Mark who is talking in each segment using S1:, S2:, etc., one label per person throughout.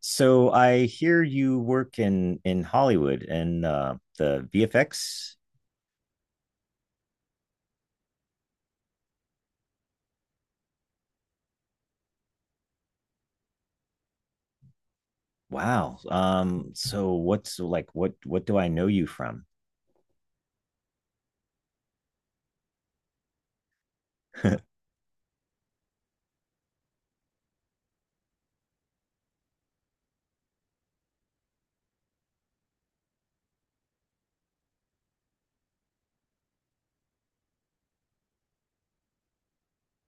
S1: So I hear you work in Hollywood and the VFX. Wow. So what's like what do I know you from?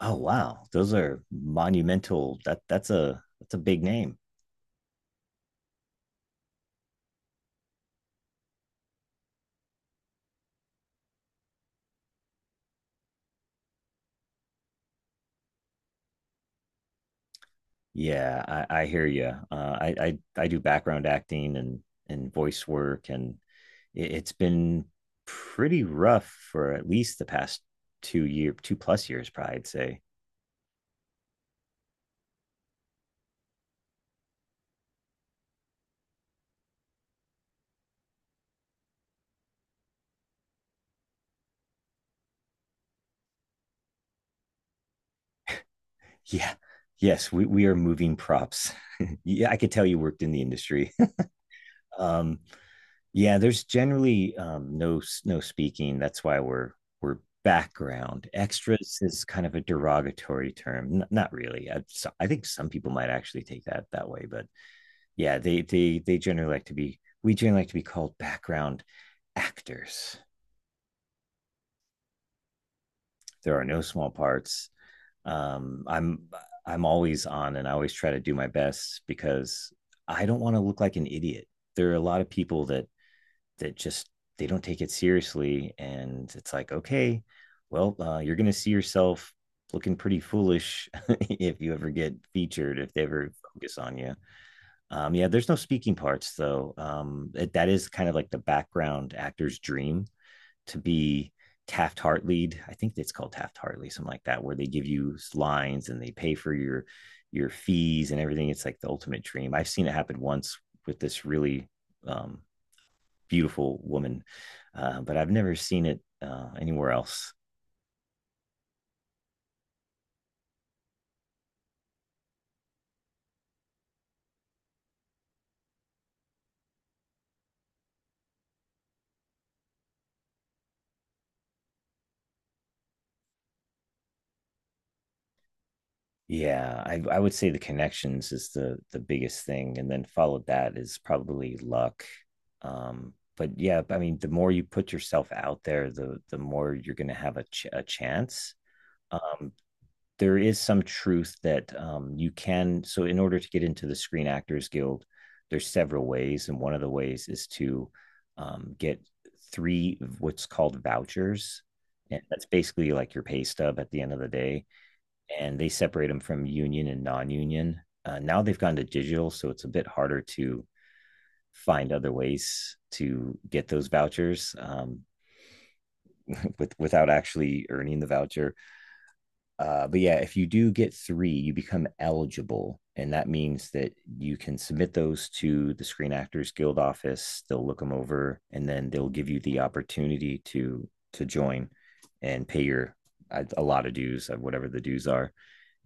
S1: Oh wow. Those are monumental. That's a big name. Yeah, I hear you. I do background acting and voice work and it's been pretty rough for at least the past two plus years, probably, I'd say. Yeah. Yes, we are moving props. Yeah, I could tell you worked in the industry. um, yeah, there's generally no speaking. That's why we're background extras is kind of a derogatory term. Not really. I think some people might actually take that way, but yeah, they generally like to be. We generally like to be called background actors. There are no small parts. I'm always on, and I always try to do my best, because I don't want to look like an idiot. There are a lot of people that that just they don't take it seriously, and it's like, okay, well, you're going to see yourself looking pretty foolish if you ever get featured, if they ever focus on you. Yeah, there's no speaking parts though. That is kind of like the background actor's dream to be Taft Hartley. I think it's called Taft Hartley, something like that, where they give you lines and they pay for your fees and everything. It's like the ultimate dream. I've seen it happen once with this really um, beautiful woman, but I've never seen it anywhere else. I would say the connections is the biggest thing, and then followed that is probably luck. But yeah, I mean, the more you put yourself out there, the more you're going to have a chance. Um, there is some truth that you can. So, in order to get into the Screen Actors Guild, there's several ways, and one of the ways is to get three what's called vouchers. And that's basically like your pay stub at the end of the day. And they separate them from union and non union. Now they've gone to digital, so it's a bit harder to find other ways to get those vouchers, without actually earning the voucher. But yeah, if you do get three, you become eligible. And that means that you can submit those to the Screen Actors Guild office. They'll look them over, and then they'll give you the opportunity to join and pay your a lot of dues, whatever the dues are,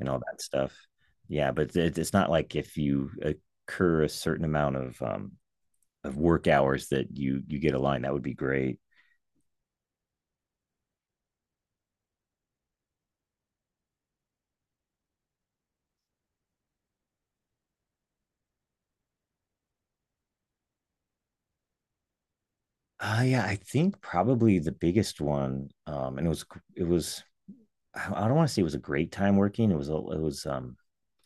S1: and all that stuff. Yeah, but it's not like if you occur a certain amount of work hours that you get a line. That would be great. Yeah, I think probably the biggest one, and it was I don't want to say it was a great time working.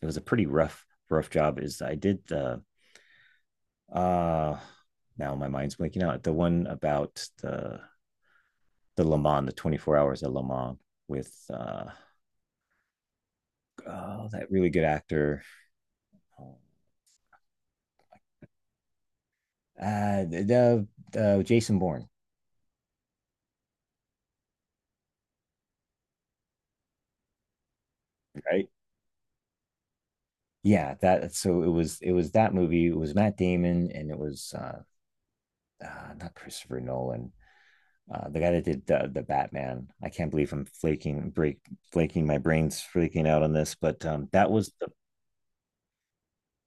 S1: It was a pretty rough rough job. Is I did the uh now my mind's blanking out the one about the Le Mans, the 24 hours at Le Mans with oh, that really good actor. Oh, the Jason Bourne. Right, yeah, that so it was that movie. It was Matt Damon, and it was, not Christopher Nolan. The guy that did the Batman. I can't believe I'm flaking break flaking my brains freaking out on this, but that was the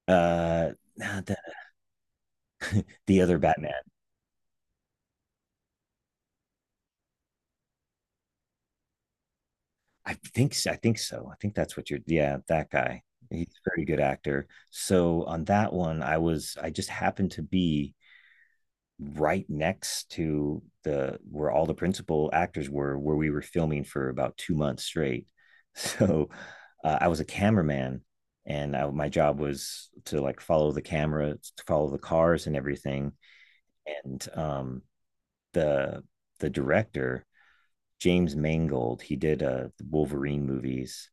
S1: nah, the other Batman. I think so. I think that's what you're. Yeah, that guy. He's a very good actor. So on that one, I just happened to be right next to the where all the principal actors were, where we were filming for about 2 months straight. So I was a cameraman, and my job was to like follow the camera, to follow the cars and everything. And the the director James Mangold, he did Wolverine movies.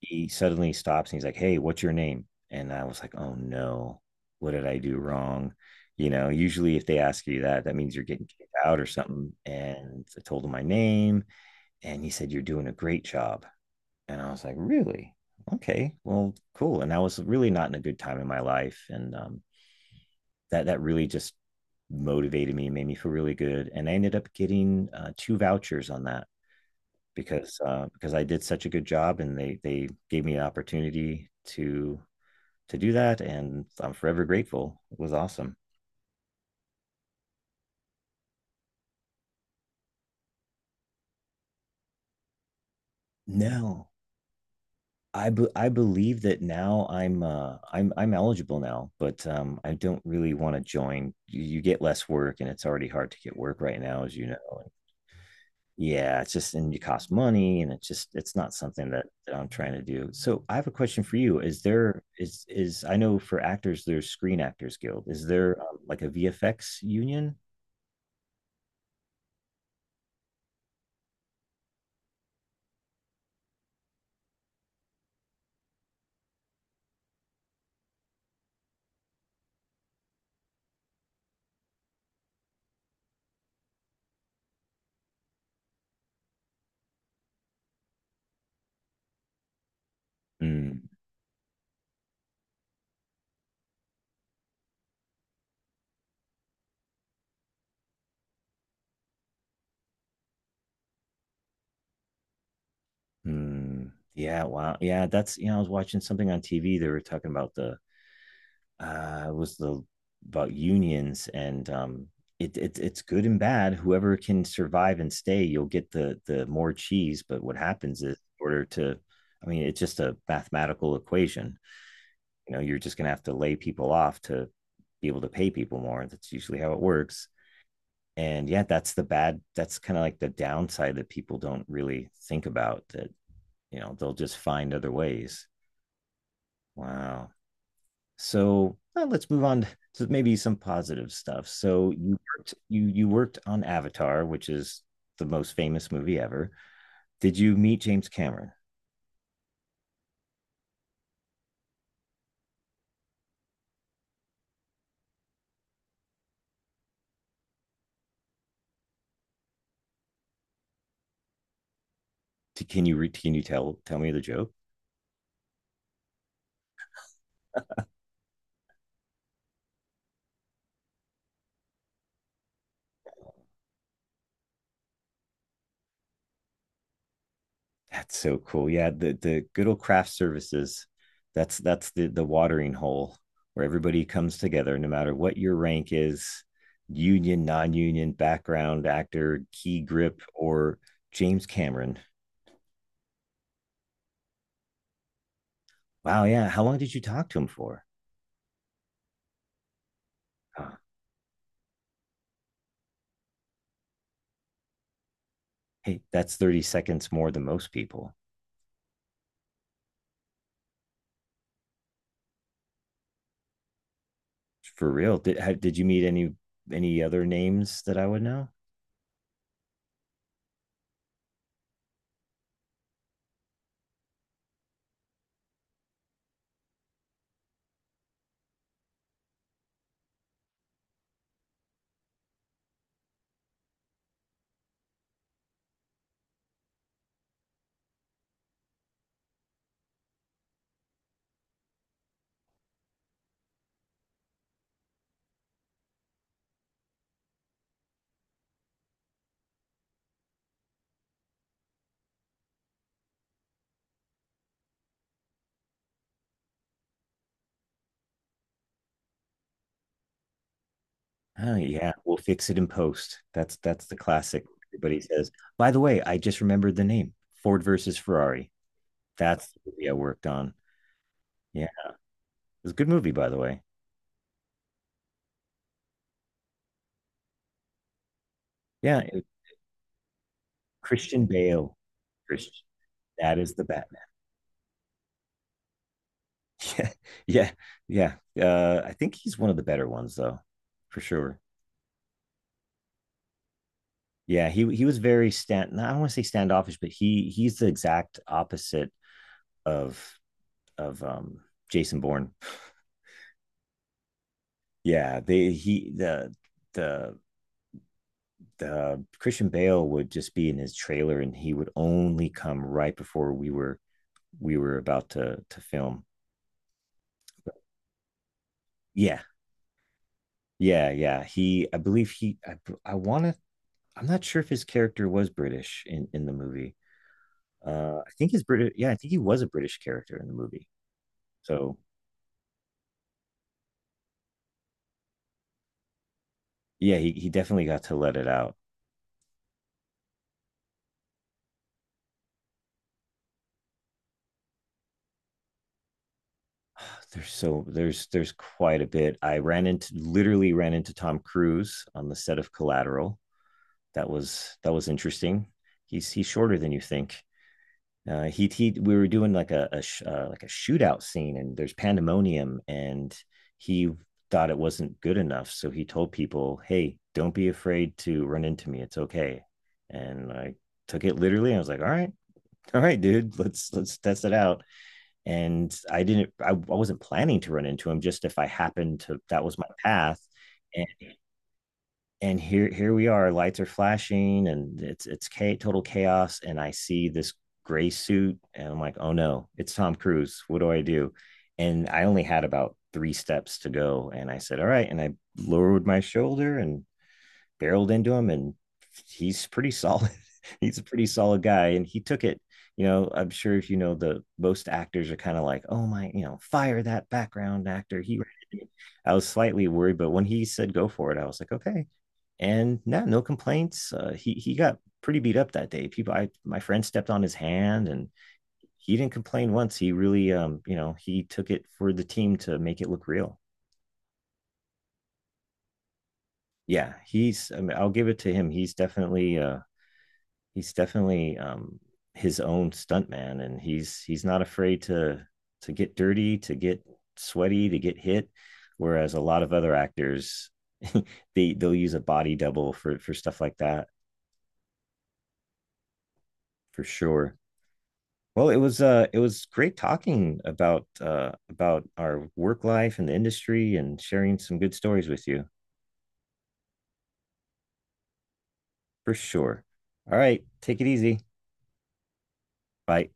S1: He suddenly stops and he's like, "Hey, what's your name?" And I was like, "Oh no, what did I do wrong?" You know, usually if they ask you that, that means you're getting kicked out or something. And I told him my name, and he said, "You're doing a great job." And I was like, "Really? Okay, well, cool." And I was really not in a good time in my life. And that that really just motivated me, made me feel really good. And I ended up getting 2 vouchers on that because I did such a good job, and they gave me an opportunity to do that, and I'm forever grateful. It was awesome. No, I believe that now I'm I'm eligible now, but I don't really want to join. You get less work, and it's already hard to get work right now, as you know. Yeah, it's just and you cost money, and it's just it's not something that I'm trying to do. So I have a question for you: Is there is I know for actors there's Screen Actors Guild. Is there like a VFX union? Mm, yeah, wow, yeah. That's, you know, I was watching something on TV. They were talking about the was the about unions and, it it's good and bad. Whoever can survive and stay, you'll get the more cheese. But what happens is, in order to, I mean, it's just a mathematical equation. You know, you're just gonna have to lay people off to be able to pay people more. That's usually how it works. And yeah, that's the bad. That's kind of like the downside that people don't really think about. That, you know, they'll just find other ways. Wow. So well, let's move on to maybe some positive stuff. So you worked, you worked on Avatar, which is the most famous movie ever. Did you meet James Cameron? Can you can you tell me the joke? That's so cool. Yeah, the good old craft services. That's the watering hole where everybody comes together, no matter what your rank is, union, non-union, background, actor, key grip, or James Cameron. Wow, yeah. How long did you talk to him for? Huh. Hey, that's 30 seconds more than most people. For real. Did you meet any other names that I would know? Oh yeah, we'll fix it in post. That's the classic. Everybody says. By the way, I just remembered the name. Ford versus Ferrari. That's the movie I worked on. Yeah, it was a good movie, by the way. Yeah, it- Christian Bale. Christian, that is the Batman. Yeah, yeah. I think he's one of the better ones, though, for sure. Yeah, he was very stand. No, I don't want to say standoffish, but he he's the exact opposite of of um Jason Bourne. Yeah, they he the Christian Bale would just be in his trailer, and he would only come right before we were about to film. Yeah, yeah, yeah. He, I believe he, I want to. I'm not sure if his character was British in the movie. I think his British. Yeah, I think he was a British character in the movie. So yeah, he definitely got to let it out. There's so there's quite a bit. I ran into literally ran into Tom Cruise on the set of Collateral. That was interesting. He's shorter than you think. He we were doing like like a shootout scene, and there's pandemonium, and he thought it wasn't good enough, so he told people, "Hey, don't be afraid to run into me. It's okay." And I took it literally. I was like, all right, all right, dude, let's test it out. And I didn't I wasn't planning to run into him, just if I happened to, that was my path. And here we are, lights are flashing, and it's total chaos, and I see this gray suit, and I'm like, oh no, it's Tom Cruise, what do I do? And I only had about 3 steps to go, and I said, all right, and I lowered my shoulder and barreled into him, and he's pretty solid. He's a pretty solid guy, and he took it. You know, I'm sure, if you know the most actors are kind of like, oh my, you know, fire that background actor. He I was slightly worried, but when he said go for it, I was like, okay. And no, no complaints. He got pretty beat up that day. People, I my friend stepped on his hand, and he didn't complain once. He really, you know, he took it for the team to make it look real. Yeah, he's. I mean, I'll give it to him. He's definitely his own stuntman, and he's not afraid to get dirty, to get sweaty, to get hit. Whereas a lot of other actors, they they'll use a body double for stuff like that, for sure. Well, it was great talking about our work life and the industry and sharing some good stories with you, for sure. All right, take it easy. Bye.